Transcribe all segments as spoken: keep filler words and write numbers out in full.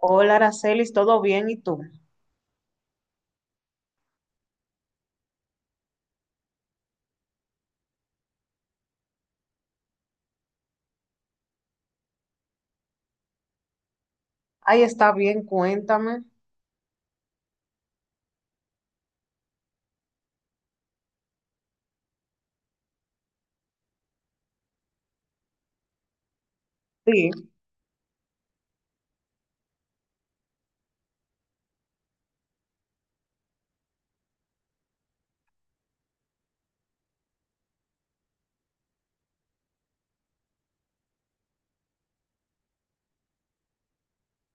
Hola, Aracelis, ¿todo bien? ¿Y tú? Ahí está bien, cuéntame. Sí.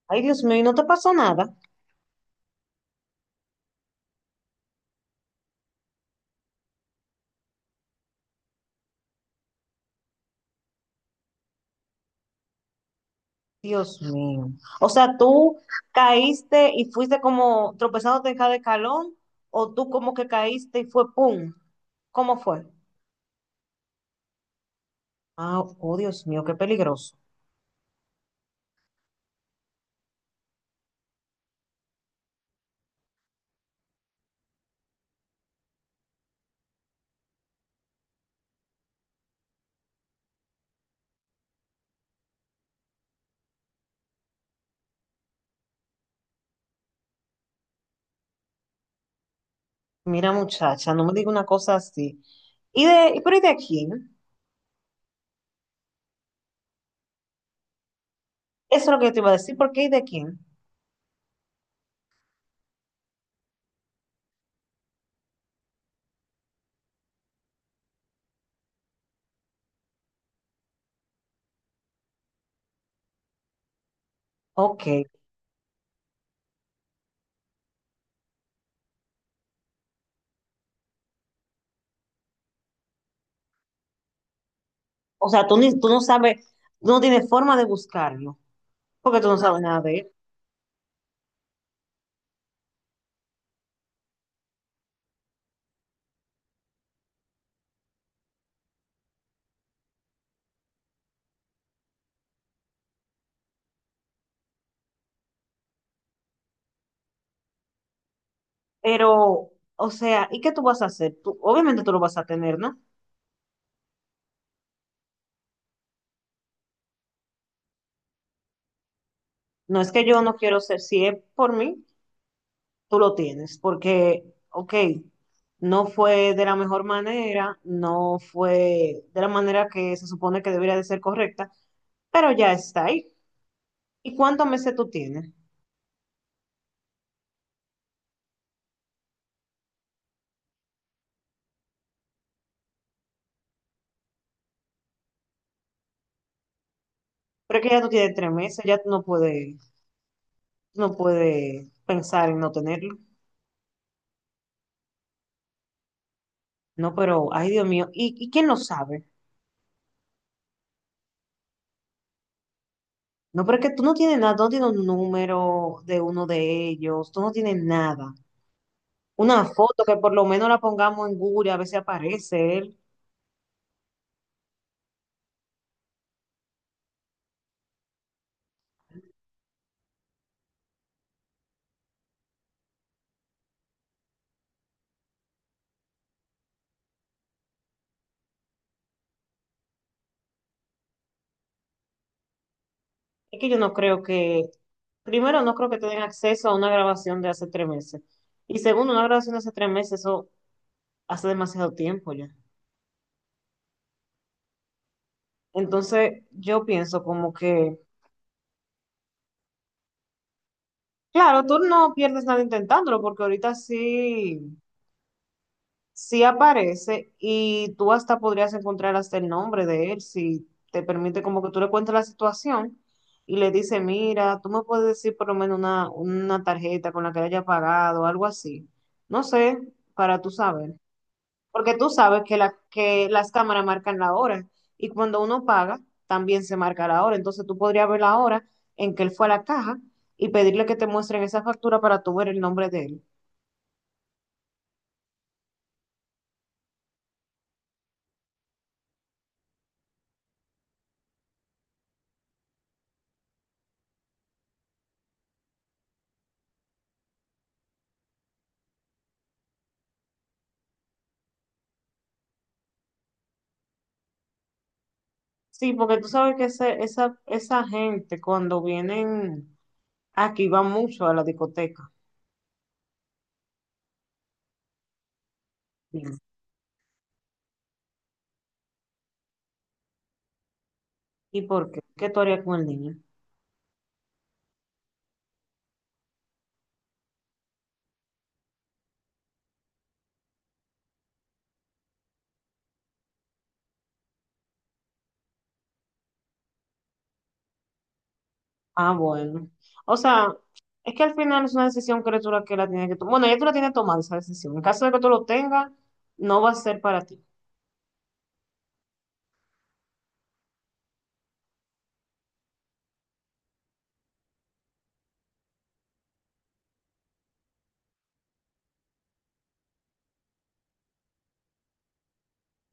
Ay, Dios mío, ¿y no te pasó nada? Dios mío. O sea, ¿tú caíste y fuiste como tropezándote en cada escalón? ¿O tú como que caíste y fue pum? ¿Cómo fue? Ah, oh, Dios mío, qué peligroso. Mira, muchacha, no me digas una cosa así. ¿Y de, pero ¿y de quién? Eso es lo que yo te iba a decir, ¿por qué y de quién? Ok. O sea, tú, ni, tú no sabes, tú no tienes forma de buscarlo, porque tú no sabes nada de él. Pero, o sea, ¿y qué tú vas a hacer? Tú, obviamente tú lo vas a tener, ¿no? No es que yo no quiero ser, si es por mí, tú lo tienes, porque, ok, no fue de la mejor manera, no fue de la manera que se supone que debería de ser correcta, pero ya está ahí. ¿Y cuántos meses tú tienes? Pero es que ya tú tienes tres meses, ya tú no puedes, no puedes pensar en no tenerlo. No, pero, ay Dios mío, ¿y, y quién lo sabe? No, pero es que tú no tienes nada, tú no tienes un número de uno de ellos, tú no tienes nada. Una foto que por lo menos la pongamos en Google, y a ver si aparece él. Es que yo no creo que, primero, no creo que tengan acceso a una grabación de hace tres meses. Y segundo, una grabación de hace tres meses, eso hace demasiado tiempo ya. Entonces, yo pienso como que, claro, tú no pierdes nada intentándolo, porque ahorita sí. Sí aparece y tú hasta podrías encontrar hasta el nombre de él si te permite como que tú le cuentes la situación y le dices, mira, tú me puedes decir por lo menos una, una tarjeta con la que le haya pagado, algo así. No sé, para tú saber. Porque tú sabes que, la, que las cámaras marcan la hora y cuando uno paga también se marca la hora. Entonces tú podrías ver la hora en que él fue a la caja y pedirle que te muestren esa factura para tú ver el nombre de él. Sí, porque tú sabes que ese- esa, esa gente cuando vienen aquí va mucho a la discoteca. Dime. ¿Y por qué? ¿Qué tú harías con el niño? Ah, bueno. O sea, es que al final es una decisión que tú la que la tienes que tomar. Bueno, ya tú la tienes tomada esa decisión. En caso de que tú lo tengas, no va a ser para ti.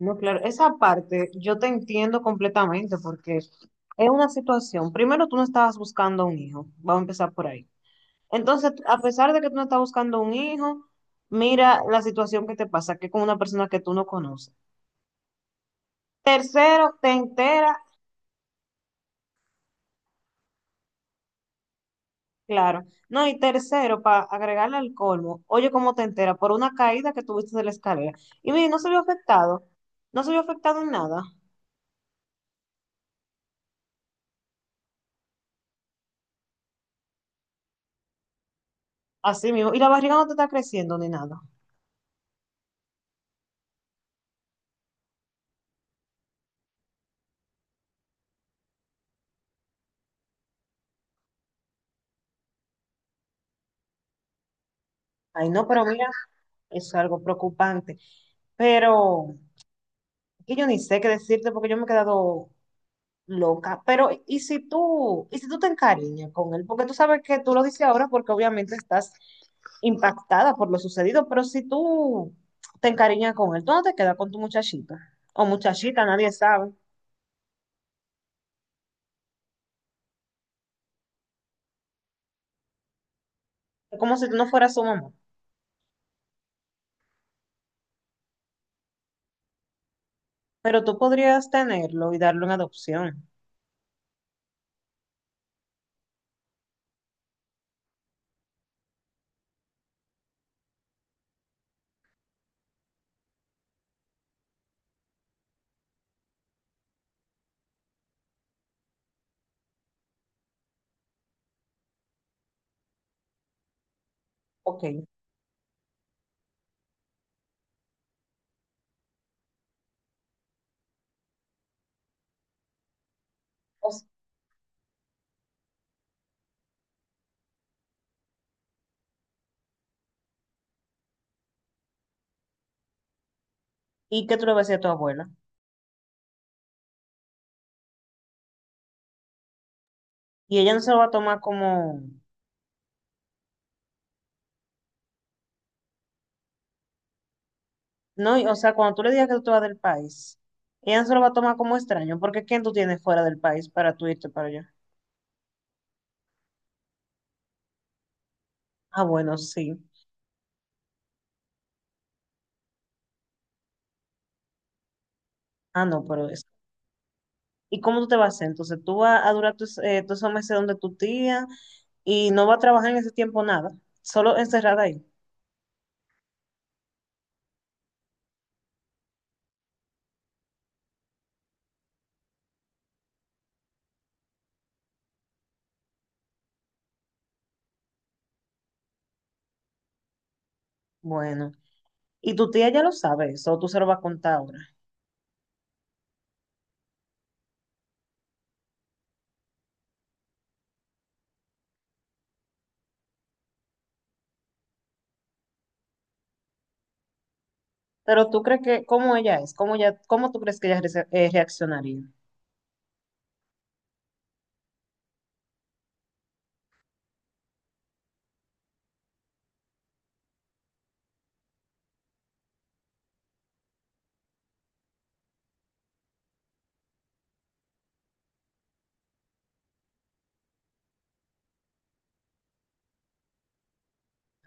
No, claro. Esa parte yo te entiendo completamente porque es una situación. Primero, tú no estabas buscando un hijo. Vamos a empezar por ahí. Entonces, a pesar de que tú no estás buscando un hijo, mira la situación que te pasa, que es con una persona que tú no conoces. Tercero, te entera, claro. No, y tercero, para agregarle al colmo, oye, ¿cómo te entera? Por una caída que tuviste de la escalera. Y mire, no se vio afectado, no se vio afectado en nada. Así mismo, y la barriga no te está creciendo ni nada. Ay, no, pero mira, es algo preocupante. Pero que yo ni sé qué decirte porque yo me he quedado loca. Pero, ¿y si tú, ¿y si tú te encariñas con él? Porque tú sabes que tú lo dices ahora porque obviamente estás impactada por lo sucedido, pero si tú te encariñas con él, tú no te quedas con tu muchachita o muchachita, nadie sabe. Es como si tú no fueras su mamá, pero tú podrías tenerlo y darlo en adopción. Ok. O s- ¿Y qué tú le vas a decir a tu abuela? Y ella no se lo va a tomar como, no, y- o sea, cuando tú le digas que tú te vas del país, ella no se lo va a tomar como extraño, porque ¿quién tú tienes fuera del país para tú irte para allá? Ah, bueno, sí. Ah, no, pero es. ¿Y cómo tú te vas a hacer? Entonces, tú vas a durar tus, eh, todos esos meses donde tu tía y no va a trabajar en ese tiempo nada, solo encerrada ahí. Bueno, y tu tía ya lo sabe eso, tú se lo vas a contar ahora. Pero tú crees que, ¿cómo ella es? ¿Cómo, ella, cómo tú crees que ella rece- eh, reaccionaría?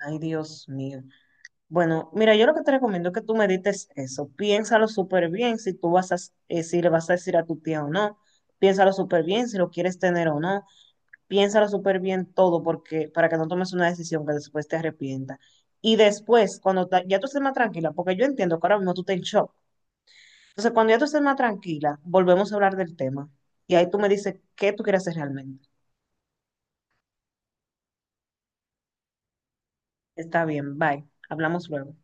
Ay, Dios mío. Bueno, mira, yo lo que te recomiendo es que tú medites eso. Piénsalo súper bien si tú vas a, eh, si le vas a decir a tu tía o no. Piénsalo súper bien si lo quieres tener o no, piénsalo súper bien todo porque, para que no tomes una decisión que después te arrepienta. Y después, cuando ta- ya tú estés más tranquila, porque yo entiendo que ahora mismo tú estás en shock. Entonces, cuando ya tú estés más tranquila, volvemos a hablar del tema. Y ahí tú me dices qué tú quieres hacer realmente. Está bien, bye. Hablamos luego.